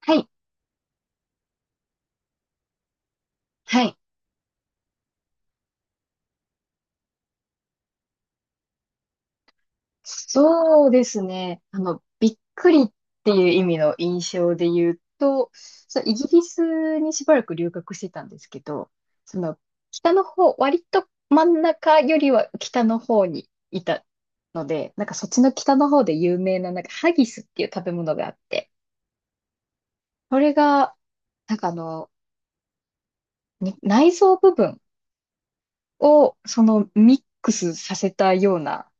はい。はい。そうですね。あの、びっくりっていう意味の印象で言うと、そう、イギリスにしばらく留学してたんですけど、その、北の方、割と真ん中よりは北の方にいたので、なんかそっちの北の方で有名な、なんかハギスっていう食べ物があって、それが、なんかあの、に内臓部分をそのミックスさせたような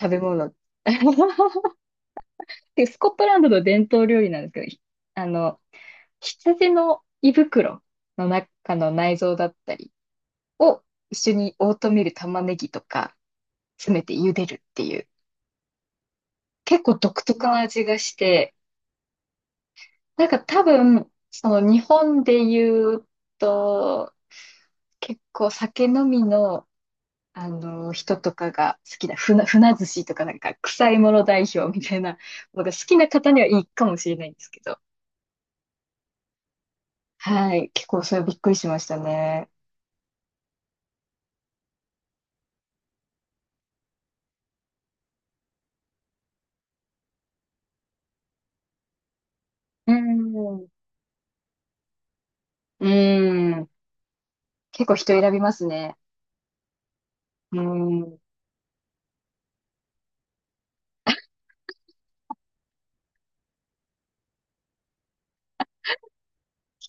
食べ物。で、スコットランドの伝統料理なんですけど、ひあの、羊の胃袋の中の内臓だったりを一緒にオートミール玉ねぎとか詰めて茹でるっていう、結構独特な味がして、なんか多分、その日本で言うと、結構酒飲みの、あの人とかが好きな船寿司とかなんか臭いもの代表みたいなのが好きな方にはいいかもしれないんですけど、はい。結構それはびっくりしましたね。うん。うん。結構人選びますね。うん。い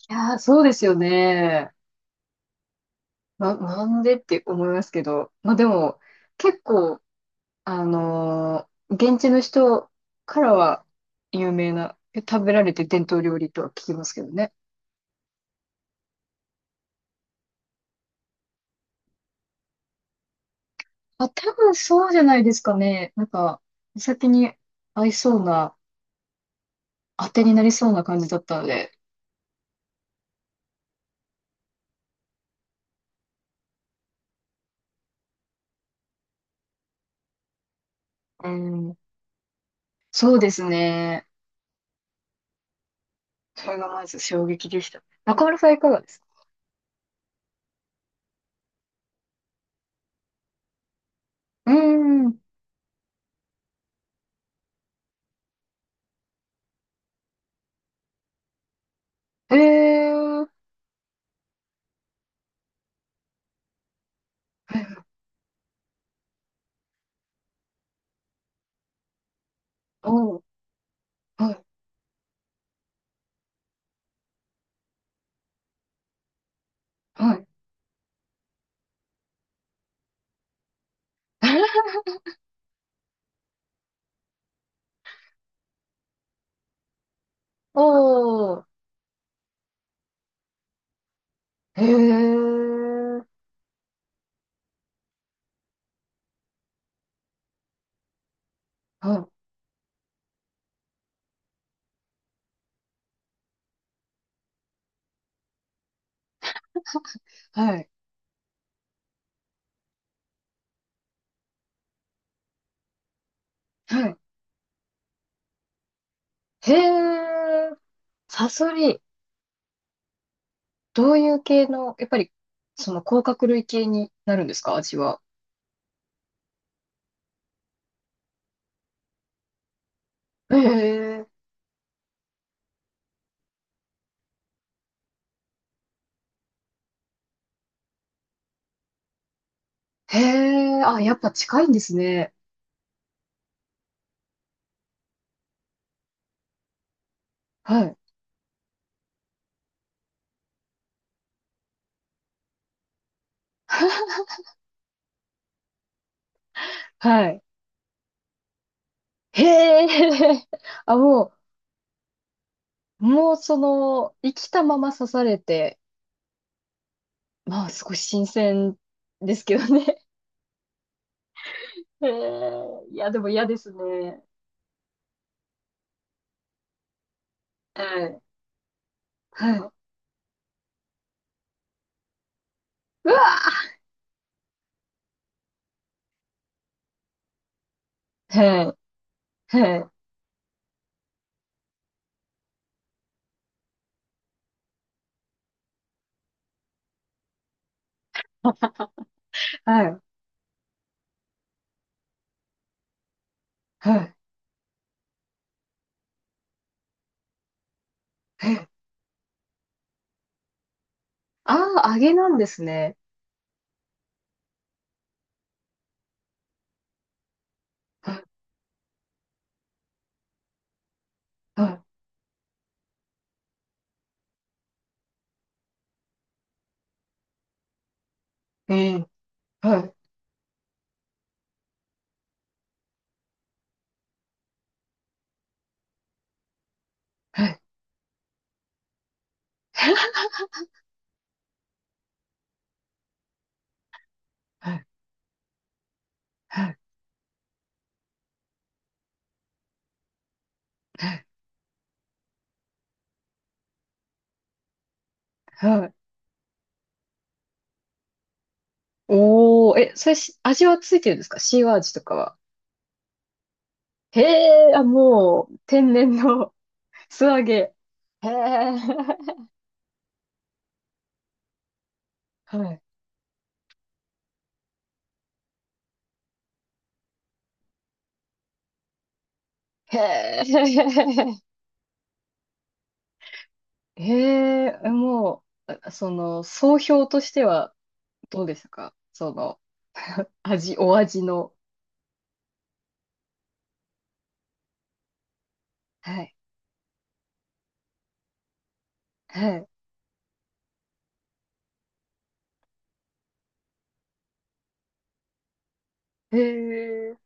やー、そうですよね。なんでって思いますけど。まあでも、結構、現地の人からは有名な、食べられて伝統料理とは聞きますけどね。あ、多分そうじゃないですかね。なんか、お酒に合いそうな、当てになりそうな感じだったので。うん。そうですね。それがまず衝撃でした。中村さんいかがですか？うーん。えーおー、はい、はい。おー、へー、はい、はい、はい。へー、サソリ、どういう系の、やっぱり、その甲殻類系になるんですか、味は。へー、へー、あ、やっぱ近いんですね。はい、はい。へー、あ、もうその、生きたまま刺されて、まあ、少し新鮮ですけどね。いや、でも嫌ですね。はい。はい。うわーはい。はい。はい。はい。はいああ、揚げなんですね。はい。はい。はい。はい。はい。はい。はい。おー、え、それし、味はついてるんですか？塩味とかは。へえ、あ、もう、天然の 素揚げ。へえ、はい。へえ、ええ、もう、あその、総評としてはどうでしたか？その、お味の。はい。はい。へえ。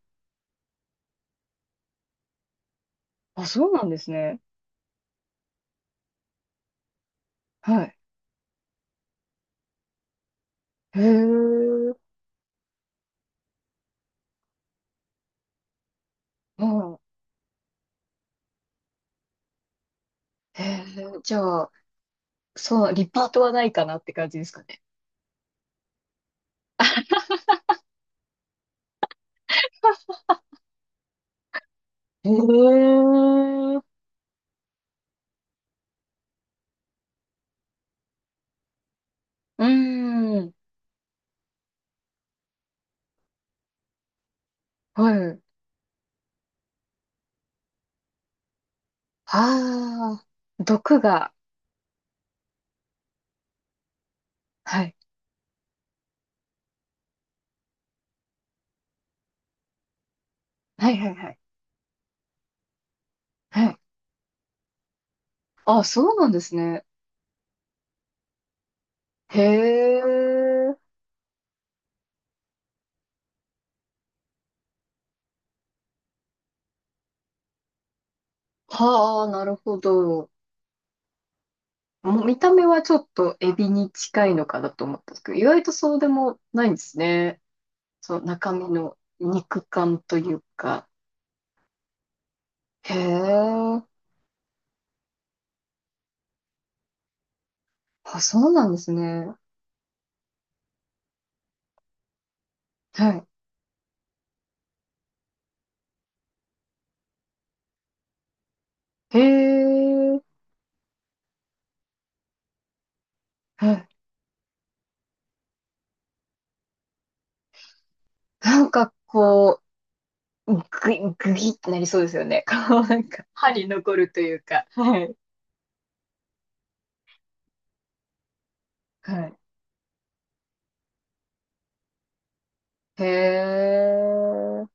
あ、そうなんですね。はい。へえ。うん。へえ。じゃあ、そう、リピートはないかなって感じですかね。へえ。うーん。はい。ああ、毒が。はい。はいはいはい。はい。あ、そうなんですね。へえ。はあ、なるほど。もう見た目はちょっとエビに近いのかなと思ったんですけど、意外とそうでもないんですね。そう、中身の肉感というか。へえ。あ、そうなんですね。はい。へえ。はい。なんかこう、グイグぎってなりそうですよね。こう、なんか歯に残るというか。はい。はい。へえ。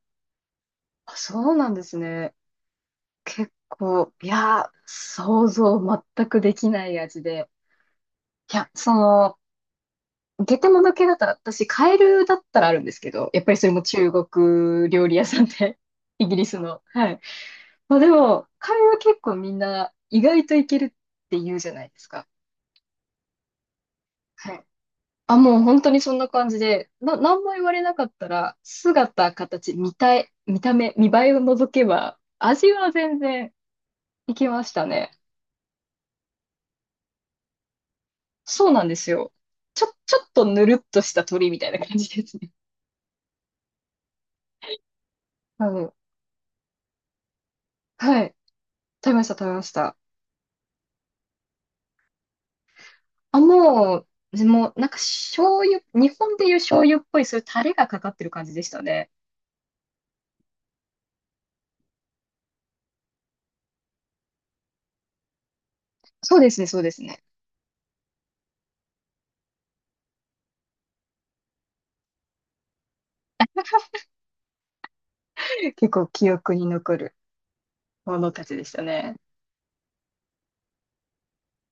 あ、そうなんですね。結構、いやー、想像全くできない味で。いや、その、ゲテモノ系だったら、私、カエルだったらあるんですけど、やっぱりそれも中国料理屋さんで、イギリスの。はい。まあでも、カエルは結構みんな意外といけるって言うじゃないですか。はい。あ、もう本当にそんな感じで、何も言われなかったら、姿、形、見た目、見栄えを除けば、味は全然いけましたね。そうなんですよ。ちょっとぬるっとした鳥みたいな感じですね。うん。はい。食べました、食べました。あ、もう、でも、なんか醤油、日本でいう醤油っぽい、そういうタレがかかってる感じでしたね。そうですね、そうですね。結構記憶に残るものたちでしたね。